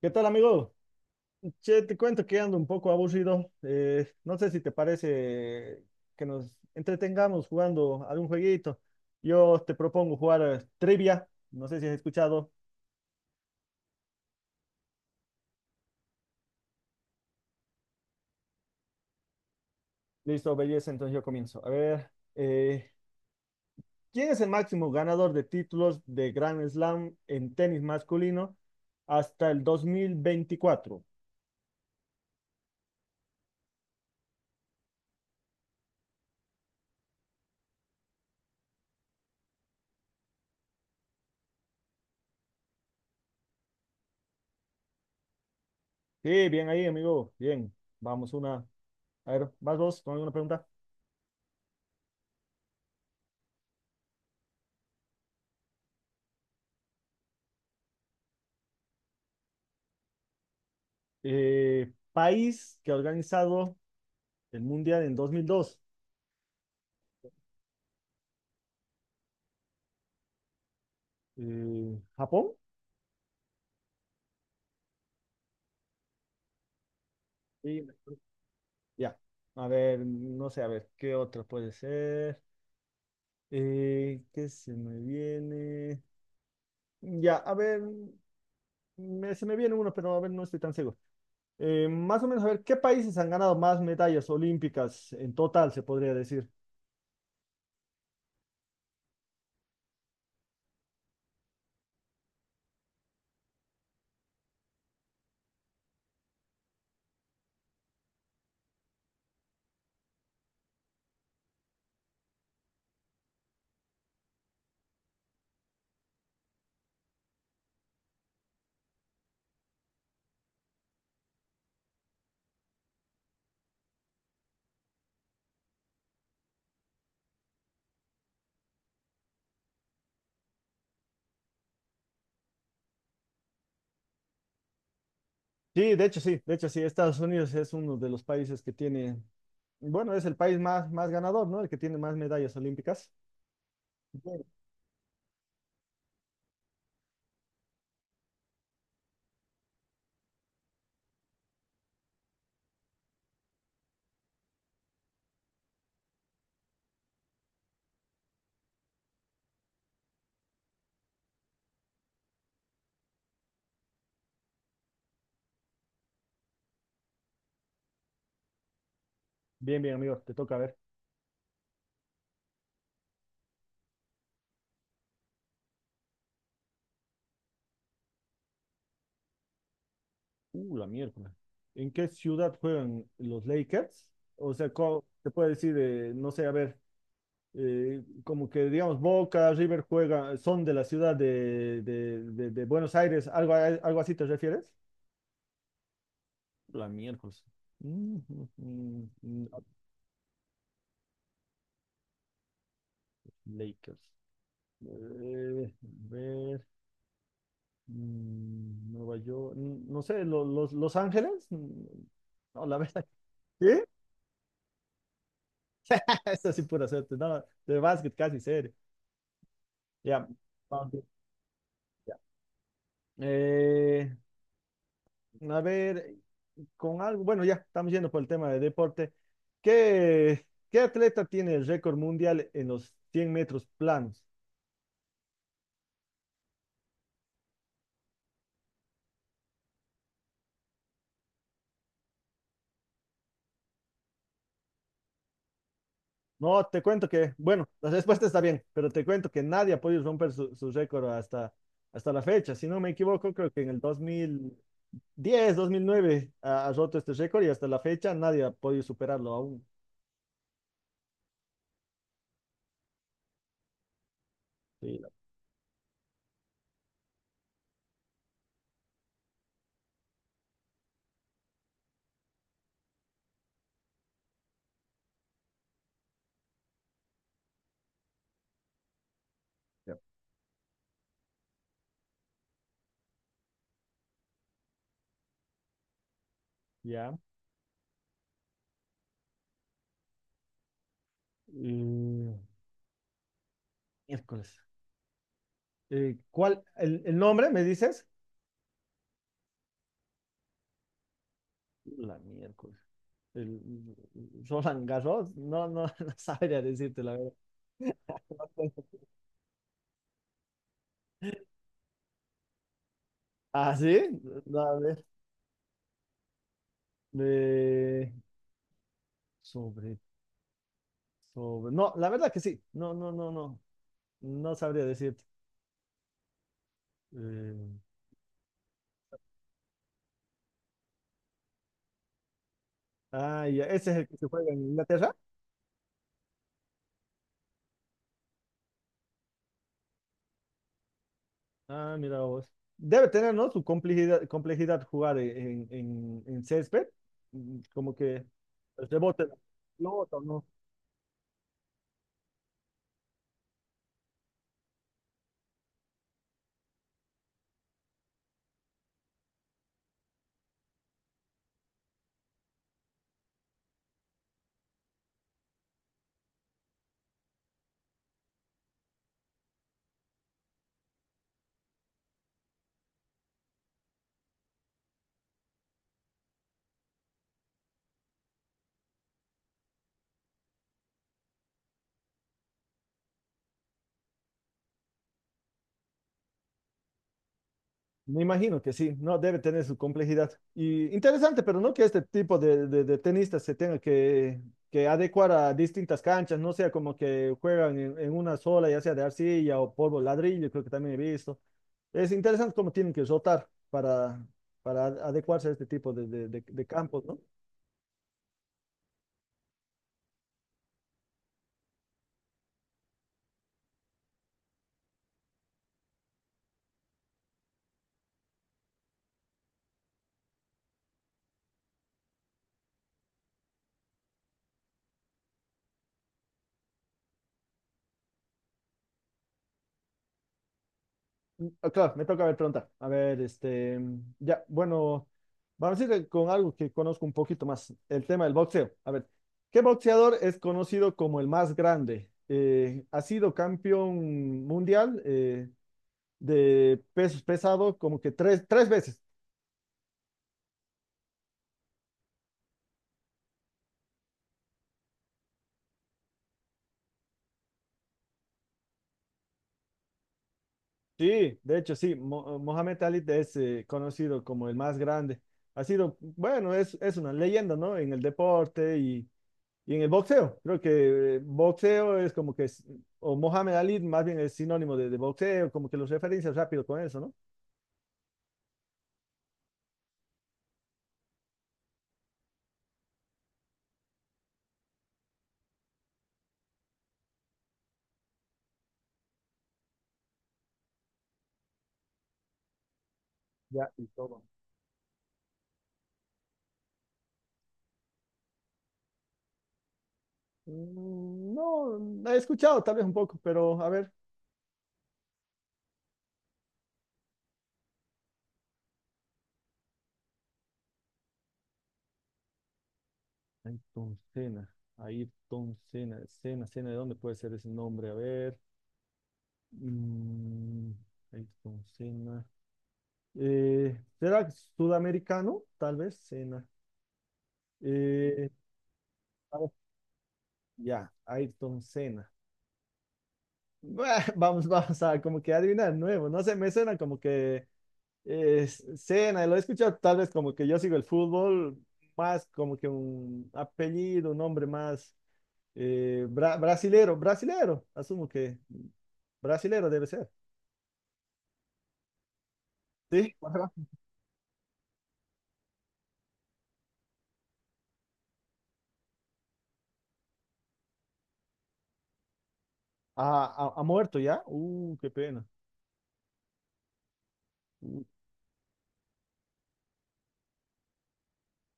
¿Qué tal, amigo? Che, te cuento que ando un poco aburrido. No sé si te parece que nos entretengamos jugando algún jueguito. Yo te propongo jugar trivia. No sé si has escuchado. Listo, belleza, entonces yo comienzo. A ver, eh, ¿quién es el máximo ganador de títulos de Grand Slam en tenis masculino hasta el 2024? Sí, bien ahí, amigo. Bien, vamos una. A ver, ¿vas vos con alguna pregunta? ¿País que ha organizado el mundial en 2002? ¿Japón? Sí. Ya. A ver, no sé, a ver, ¿qué otra puede ser? ¿Qué se me viene? Ya, a ver, se me viene uno, pero a ver, no estoy tan seguro. Más o menos, a ver, ¿qué países han ganado más medallas olímpicas en total, se podría decir? Sí, de hecho sí, de hecho sí, Estados Unidos es uno de los países que tiene, bueno, es el país más, más ganador, ¿no? El que tiene más medallas olímpicas. Bien, bien, bien, amigo, te toca a ver. La miércoles. ¿En qué ciudad juegan los Lakers? O sea, ¿cómo se puede decir, no sé, a ver, como que digamos Boca, River juega, son de la ciudad de, de Buenos Aires, algo, algo así te refieres? La miércoles. Mm, mm, mm, mm, Lakers. A ver, mm, Nueva York, mm, no sé, los Ángeles. Mm, no, la verdad. ¿Sí? Esa sí pura suerte. No, de básquet casi serio. Ya. Ya. Eh, a ver, con algo, bueno, ya estamos yendo por el tema de deporte. ¿Qué atleta tiene el récord mundial en los 100 metros planos? No, te cuento que, bueno, la respuesta está bien, pero te cuento que nadie ha podido romper su récord hasta la fecha. Si no me equivoco, creo que en el 2010, 2009 ha roto este récord y hasta la fecha nadie ha podido superarlo aún. Sí, la- Ya. Ya. Y, miércoles. ¿Cuál, el nombre, me dices? La miércoles. El Roland Garros, no, no, no sabría decirte la verdad. Ah, sí, no, a ver. eh, sobre, sobre. No, la verdad que sí. No, no, no, no. No sabría decirte. Eh, ah, ya, ese es el que se juega en Inglaterra. Ah, mira vos. Debe tener, ¿no? Su complejidad, complejidad jugar en césped. Mm, como que el rebote, la pelota, ¿no? Me imagino que sí, no debe tener su complejidad. Y interesante, pero no que este tipo de, de tenistas se tenga que adecuar a distintas canchas, no sea como que juegan en una sola, ya sea de arcilla o polvo ladrillo, creo que también he visto. Es interesante cómo tienen que rotar para adecuarse a este tipo de, de campos, ¿no? Ah, claro, me toca ver preguntar. A ver, este, ya, bueno, vamos a ir con algo que conozco un poquito más, el tema del boxeo. A ver, ¿qué boxeador es conocido como el más grande? Ha sido campeón mundial de pesos pesado como que tres veces. Sí, de hecho, sí, Mohamed Ali es conocido como el más grande. Ha sido, bueno, es una leyenda, ¿no? En el deporte y en el boxeo, creo que boxeo es como que, es- o Mohamed Ali más bien es sinónimo de boxeo, como que los referencias rápido con eso, ¿no? Ya, y todo. Mm, no, la he escuchado tal vez un poco, pero a ver. Ayrton Senna, Ayrton Senna, Senna, Senna, ¿de dónde puede ser ese nombre? A ver. Mm, Ayrton Senna. ¿Será sudamericano? Tal vez, Senna. Eh, a ver, ya, Ayrton Senna. Bah, vamos, vamos a como que adivinar nuevo. No sé, me suena como que eh, cena, lo he escuchado tal vez como que yo sigo el fútbol, más como que un apellido, un nombre más brasilero, brasilero, asumo que brasilero debe ser. Sí, ajá. Ha muerto ya. Qué pena. Uh,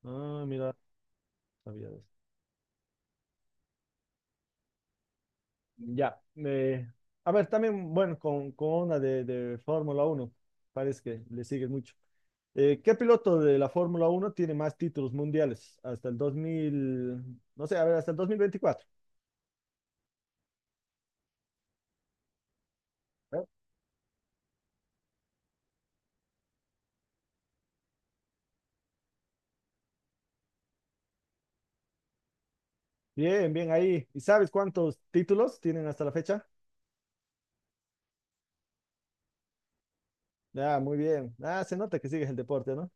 ah, mira, sabía de eso. Ya. A ver, también, bueno, con una de Fórmula uno parece que le sigue mucho. ¿Qué piloto de la Fórmula Uno tiene más títulos mundiales hasta el 2000, no sé, a ver, hasta el 2024? ¿Eh? Bien, bien ahí. ¿Y sabes cuántos títulos tienen hasta la fecha? Ah, muy bien. Ah, se nota que sigues el deporte, ¿no?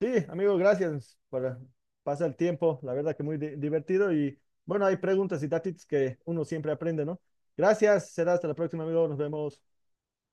Sí, amigo, gracias por pasar el tiempo. La verdad que muy divertido y bueno, hay preguntas y datos que uno siempre aprende, ¿no? Gracias, será hasta la próxima, amigo. Nos vemos.